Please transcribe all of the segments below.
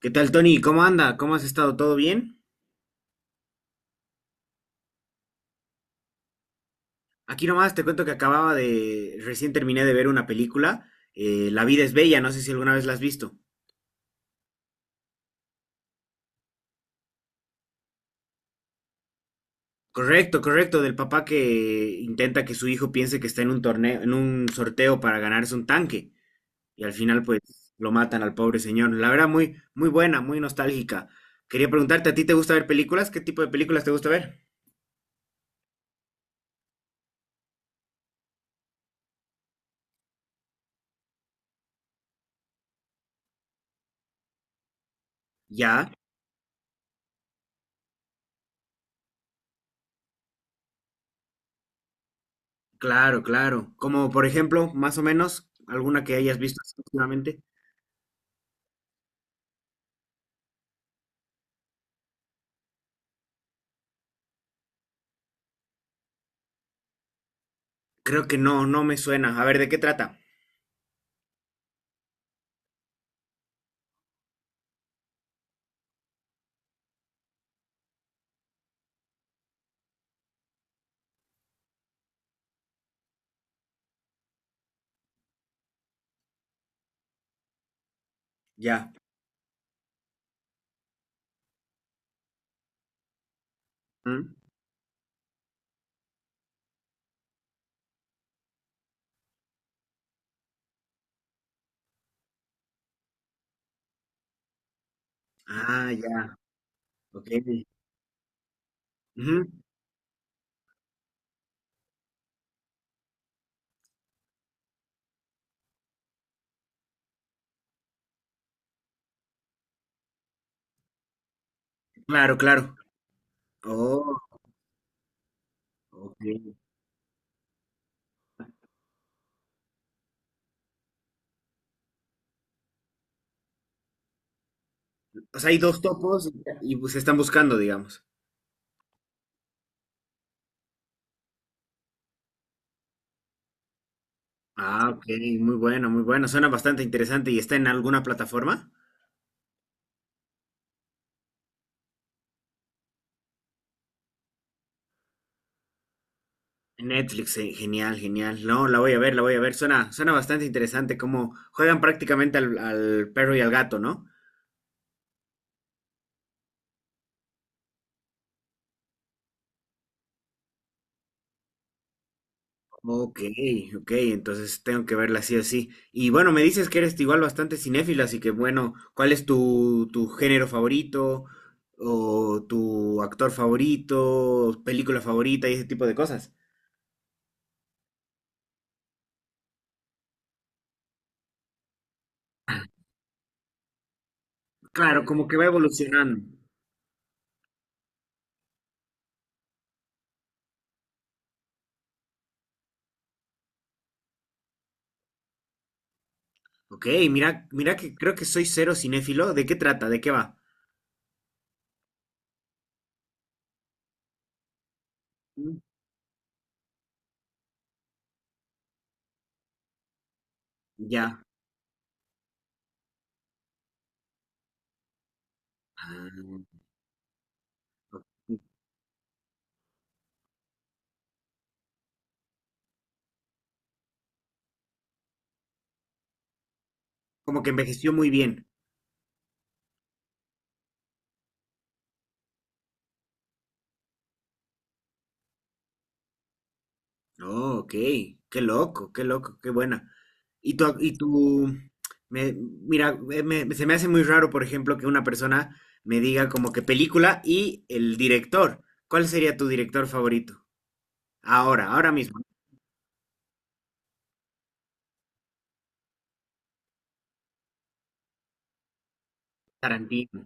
¿Qué tal, Tony? ¿Cómo anda? ¿Cómo has estado? ¿Todo bien? Aquí nomás te cuento que recién terminé de ver una película, La vida es bella, no sé si alguna vez la has visto. Correcto, correcto, del papá que intenta que su hijo piense que está en un torneo, en un sorteo para ganarse un tanque y al final pues lo matan al pobre señor. La verdad muy, muy buena, muy nostálgica. Quería preguntarte, ¿a ti te gusta ver películas? ¿Qué tipo de películas te gusta ver? Ya, claro, claro. Como por ejemplo, más o menos, alguna que hayas visto así últimamente. Creo que no, no me suena. A ver, ¿de qué trata? Ya. ¿Mm? Ah, ya. Ok. Ujú. Claro, claro. Oh, ok. O sea, hay dos topos y, pues, se están buscando, digamos. Ah, ok. Muy bueno, muy bueno. Suena bastante interesante. ¿Y está en alguna plataforma? En Netflix, genial, genial. No, la voy a ver, la voy a ver. Suena, suena bastante interesante cómo juegan prácticamente al, perro y al gato, ¿no? Ok, ok, entonces tengo que verla así así. Y bueno, me dices que eres igual bastante cinéfila, así que bueno, ¿cuál es tu género favorito o tu actor favorito, película favorita y ese tipo de cosas? Claro, como que va evolucionando. Ok, mira, mira que creo que soy cero cinéfilo. ¿De qué trata? ¿De qué va? Mm. Ya. Ah, como que envejeció muy bien. Oh, ok. Qué loco, qué loco, qué buena. Y tú, y tú, mira, se me hace muy raro, por ejemplo, que una persona me diga como que película y el director. ¿Cuál sería tu director favorito? Ahora, ahora mismo. Tarantino.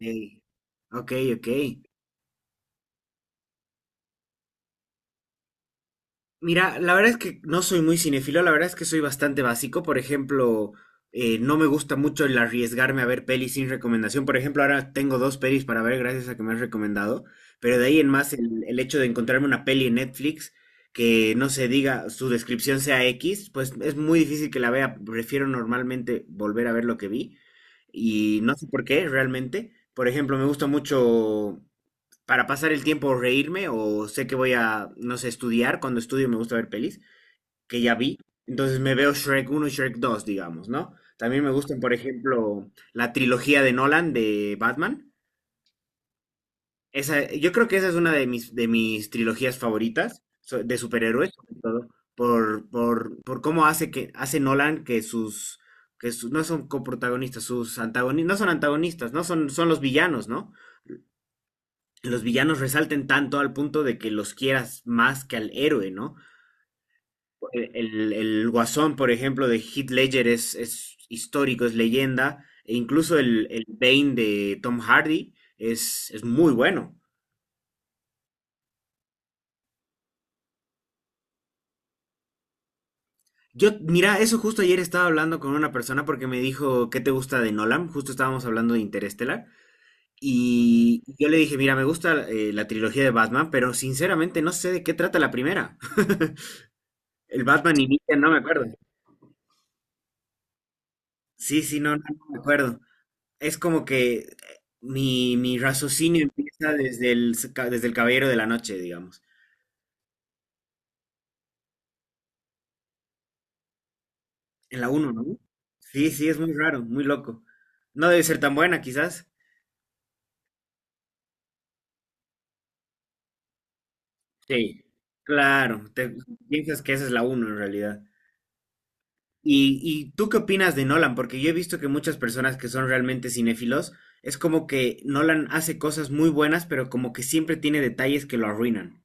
Ey, Ok, ok. Mira, la verdad es que no soy muy cinéfilo, la verdad es que soy bastante básico. Por ejemplo, no me gusta mucho el arriesgarme a ver pelis sin recomendación. Por ejemplo, ahora tengo dos pelis para ver gracias a que me has recomendado. Pero de ahí en más, el hecho de encontrarme una peli en Netflix que no se diga, su descripción sea X, pues es muy difícil que la vea. Prefiero normalmente volver a ver lo que vi. Y no sé por qué, realmente. Por ejemplo, me gusta mucho para pasar el tiempo o reírme o sé que voy a, no sé, estudiar. Cuando estudio me gusta ver pelis que ya vi. Entonces me veo Shrek uno y Shrek dos digamos, ¿no? También me gustan, por ejemplo, la trilogía de Nolan de Batman. Esa, yo creo que esa es una de mis, trilogías favoritas de superhéroes, sobre todo, por cómo hace que hace Nolan que sus, no son coprotagonistas, sus antagonistas, no son, son los villanos, ¿no? Los villanos resalten tanto al punto de que los quieras más que al héroe, ¿no? El, el guasón, por ejemplo, de Heath Ledger es, histórico, es leyenda, e incluso el, Bane de Tom Hardy es muy bueno. Yo, mira, eso justo ayer estaba hablando con una persona porque me dijo, ¿qué te gusta de Nolan? Justo estábamos hablando de Interestelar. Y yo le dije, mira, me gusta la trilogía de Batman, pero sinceramente no sé de qué trata la primera. El Batman inicia, no me acuerdo. Sí, sí, no, no, no me acuerdo. Es como que mi, raciocinio empieza desde el, desde el Caballero de la Noche, digamos. En la uno, ¿no? Sí, sí, es muy raro, muy loco. No debe ser tan buena, quizás. Sí. Claro, te piensas que esa es la uno, en realidad. y tú qué opinas de Nolan? Porque yo he visto que muchas personas que son realmente cinéfilos, es como que Nolan hace cosas muy buenas, pero como que siempre tiene detalles que lo arruinan.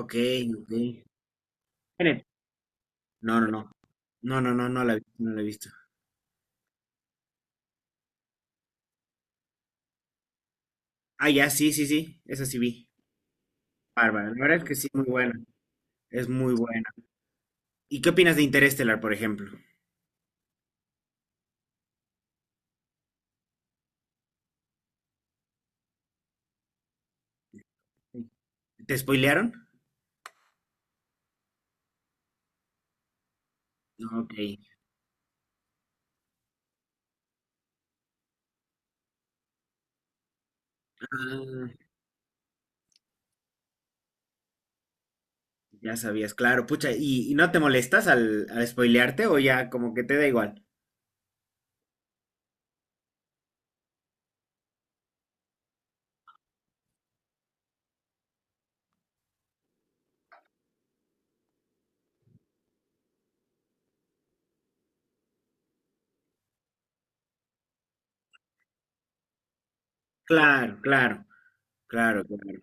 Ok, ok. Tiene No, no, no. No, no, no, no la he visto, no la he visto. Ah, ya, sí, sí, sí. Esa sí vi. Bárbara. La verdad es que sí, muy buena. Es muy buena. ¿Y qué opinas de Interestelar, por ejemplo? ¿Te spoilearon? Ok. Ah, ya sabías, claro. Pucha, ¿y, no te molestas al spoilearte o ya como que te da igual? Claro, claro, claro, claro.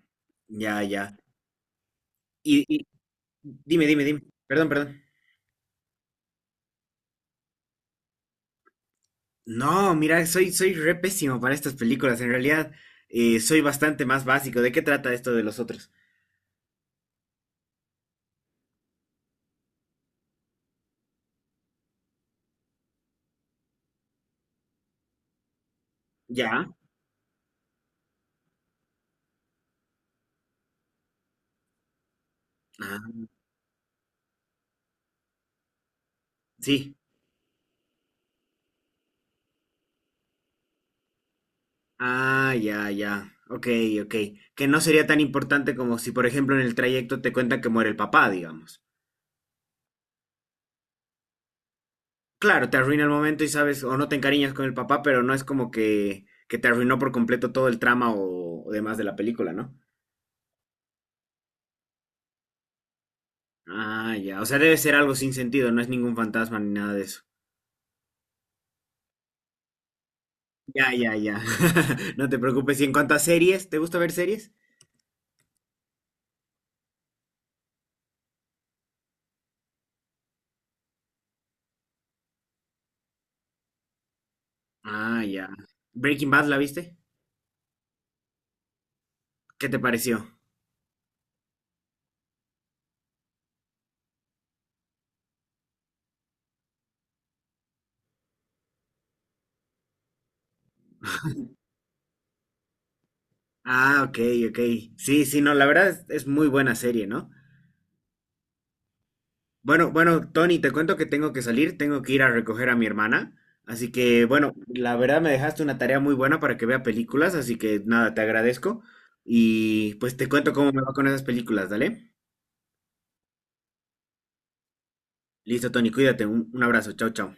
Ya, ya. y, dime, dime, dime. Perdón, perdón. No, mira, soy re pésimo para estas películas. En realidad, soy bastante más básico. ¿De qué trata esto de los otros? Ya. Ah, sí. Ah, ya, ya. Ok, ok. Que no sería tan importante como si, por ejemplo, en el trayecto te cuentan que muere el papá, digamos. Claro, te arruina el momento y sabes, o no te encariñas con el papá, pero no es como que, te arruinó por completo todo el trama o demás de la película, ¿no? Ah, ya. O sea, debe ser algo sin sentido, no es ningún fantasma ni nada de eso. Ya, ya, ya. No te preocupes. Y en cuanto a series, ¿te gusta ver series? Ah, ya. Breaking Bad, ¿la viste? ¿Qué te pareció? Ah, ok, ok. Sí, sí, no, la verdad es muy buena serie, ¿no? Bueno, bueno, Tony, te cuento que tengo que salir, tengo que ir a recoger a mi hermana. Así que, bueno, la verdad me dejaste una tarea muy buena para que vea películas, así que nada, te agradezco. Y pues te cuento cómo me va con esas películas, ¿dale? Listo, Tony, cuídate, un, abrazo, chao, chao.